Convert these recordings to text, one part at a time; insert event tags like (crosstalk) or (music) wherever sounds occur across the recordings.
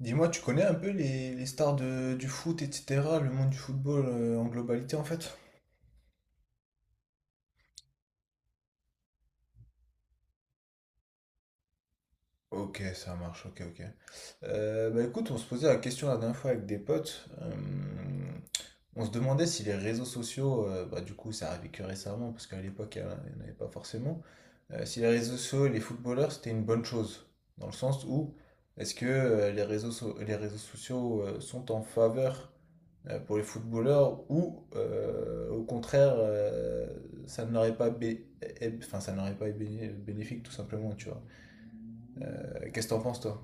Dis-moi, tu connais un peu les stars du foot, etc., le monde du football en globalité en fait? Ok, ça marche, ok, ok. Bah écoute, on se posait la question la dernière fois avec des potes. On se demandait si les réseaux sociaux, bah du coup, ça arrivait que récemment, parce qu'à l'époque, il n'y en avait pas forcément. Si les réseaux sociaux et les footballeurs, c'était une bonne chose. Dans le sens où, est-ce que les les réseaux sociaux sont en faveur pour les footballeurs ou au contraire ça n'aurait pas bé- é- enfin ça n'aurait pas été bénéfique tout simplement tu vois. Qu'est-ce que t'en penses toi?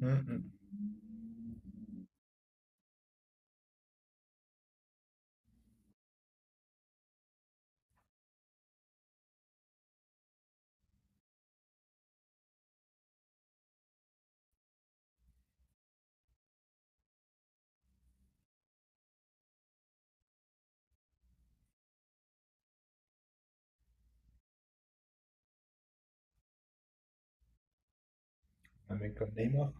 Hum, hum. Un mec comme Neymar.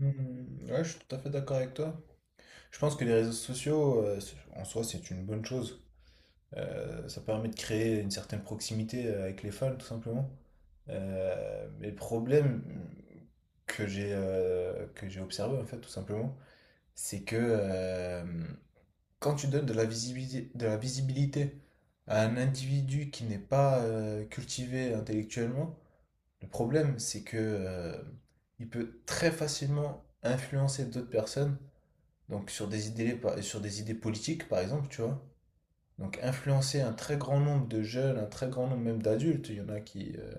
Ouais, je suis tout à fait d'accord avec toi. Je pense que les réseaux sociaux, en soi, c'est une bonne chose. Ça permet de créer une certaine proximité avec les fans, tout simplement. Mais le problème que j'ai observé, en fait, tout simplement, c'est que, quand tu donnes de la visibilité à un individu qui n'est pas cultivé intellectuellement, le problème c'est que il peut très facilement influencer d'autres personnes, donc sur des idées politiques par exemple, tu vois. Donc influencer un très grand nombre de jeunes, un très grand nombre même d'adultes, il y en a qui,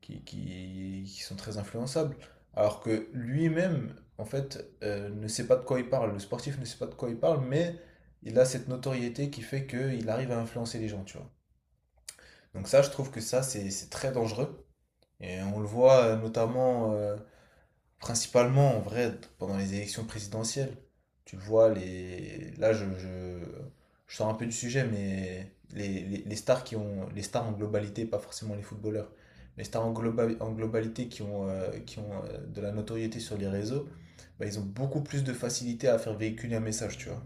qui sont très influençables. Alors que lui-même, en fait, ne sait pas de quoi il parle. Le sportif ne sait pas de quoi il parle, mais il a cette notoriété qui fait qu'il arrive à influencer les gens, tu vois. Donc ça, je trouve que ça, c'est très dangereux. Et on le voit notamment principalement, en vrai, pendant les élections présidentielles, tu le vois, là, je sors un peu du sujet, mais les stars qui ont, les stars en globalité, pas forcément les footballeurs, les stars en, en globalité qui ont de la notoriété sur les réseaux, bah, ils ont beaucoup plus de facilité à faire véhiculer un message, tu vois.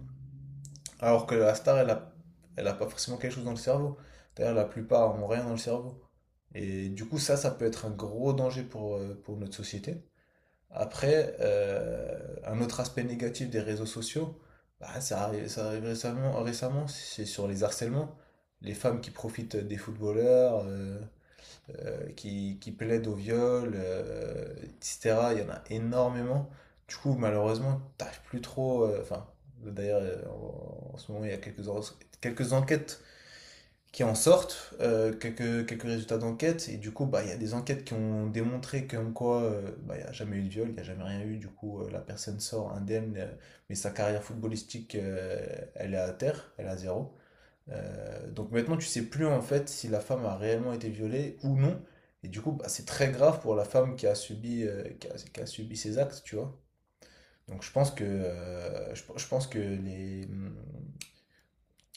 Alors que la star, elle a, elle a pas forcément quelque chose dans le cerveau. D'ailleurs, la plupart ont rien dans le cerveau. Et du coup, ça peut être un gros danger pour notre société. Après, un autre aspect négatif des réseaux sociaux, bah, ça arrive récemment, récemment, c'est sur les harcèlements. Les femmes qui profitent des footballeurs, qui plaident au viol, etc. Il y en a énormément. Du coup, malheureusement, t'arrives plus trop. Enfin, d'ailleurs, en, en ce moment, il y a quelques, quelques enquêtes qui en sortent, euh, quelques résultats d'enquête, et du coup, bah, il y a des enquêtes qui ont démontré comme quoi bah, il n'y a jamais eu de viol, il n'y a jamais rien eu, du coup, la personne sort indemne, mais sa carrière footballistique, elle est à terre, elle est à zéro. Donc maintenant, tu sais plus en fait si la femme a réellement été violée ou non, et du coup, bah, c'est très grave pour la femme qui a subi ces actes, tu vois. Donc je pense que, je pense que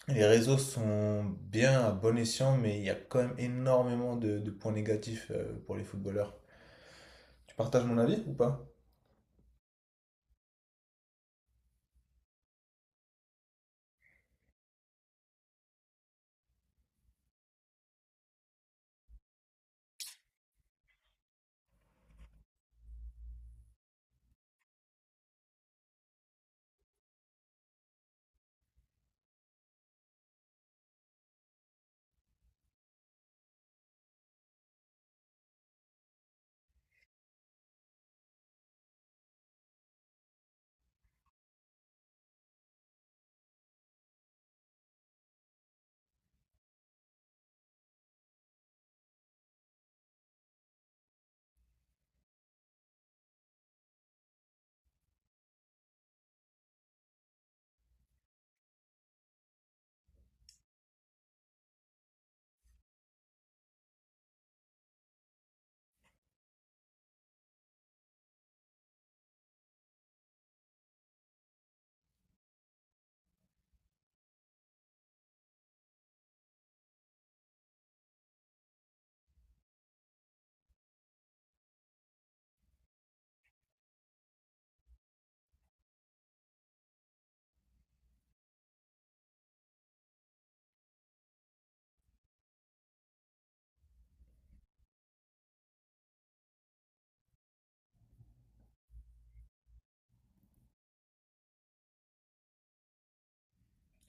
les réseaux sont bien à bon escient, mais il y a quand même énormément de points négatifs pour les footballeurs. Tu partages mon avis ou pas?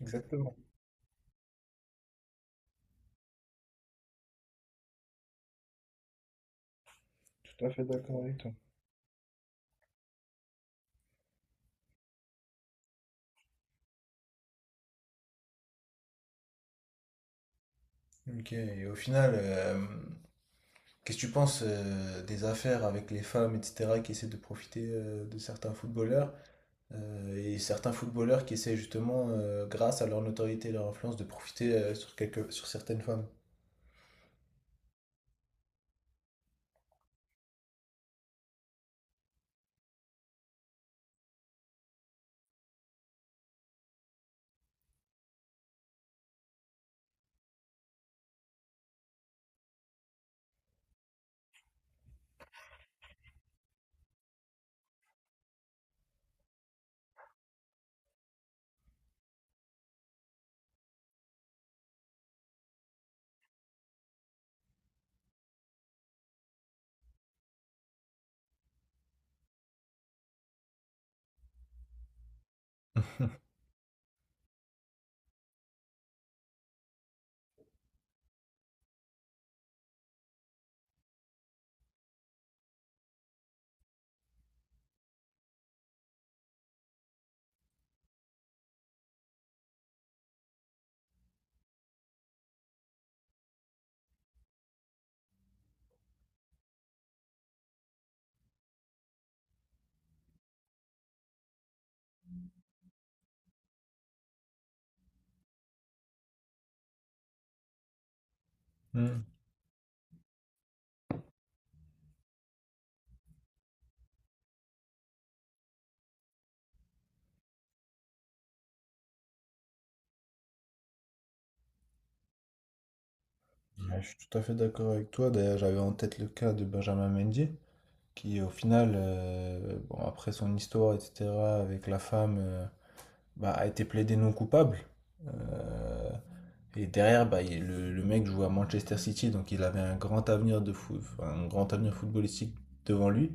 Exactement, tout à fait d'accord avec toi. Ok, et au final, qu'est-ce que tu penses des affaires avec les femmes, etc., qui essaient de profiter de certains footballeurs, et certains footballeurs qui essaient justement, grâce à leur notoriété et leur influence, de profiter sur quelques, sur certaines femmes? (laughs) Hmm. Ouais, je suis tout à fait d'accord avec toi. D'ailleurs, j'avais en tête le cas de Benjamin Mendy, qui au final, bon, après son histoire, etc., avec la femme, bah, a été plaidé non coupable. Euh, et derrière, bah, le mec jouait à Manchester City, donc il avait un grand avenir de foot, un grand avenir footballistique devant lui.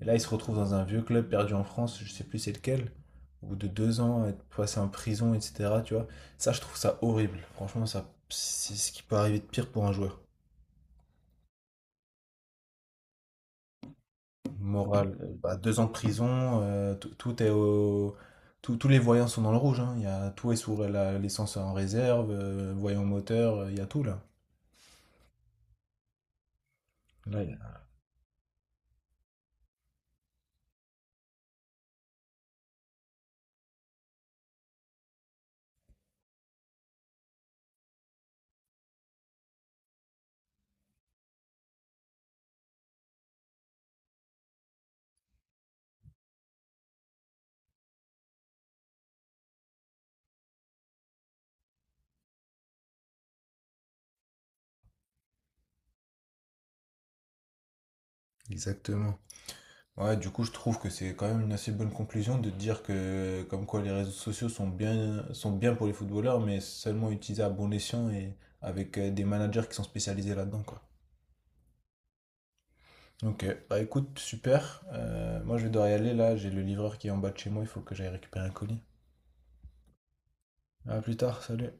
Et là, il se retrouve dans un vieux club perdu en France, je sais plus c'est lequel, au bout de deux ans, être passé en prison, etc., tu vois. Ça, je trouve ça horrible. Franchement, ça, c'est ce qui peut arriver de pire pour un joueur. Morale, bah, deux ans de prison, tout est au... tous les voyants sont dans le rouge, hein. Il y a, tout est sous l'essence en réserve, voyant moteur, il y a tout là. là. il y a- Exactement. Ouais, du coup, je trouve que c'est quand même une assez bonne conclusion de dire que, comme quoi, les réseaux sociaux sont bien pour les footballeurs, mais seulement utilisés à bon escient et avec des managers qui sont spécialisés là-dedans, quoi. Ok, bah écoute, super. Moi, je vais devoir y aller là, j'ai le livreur qui est en bas de chez moi, il faut que j'aille récupérer un colis. À plus tard, salut.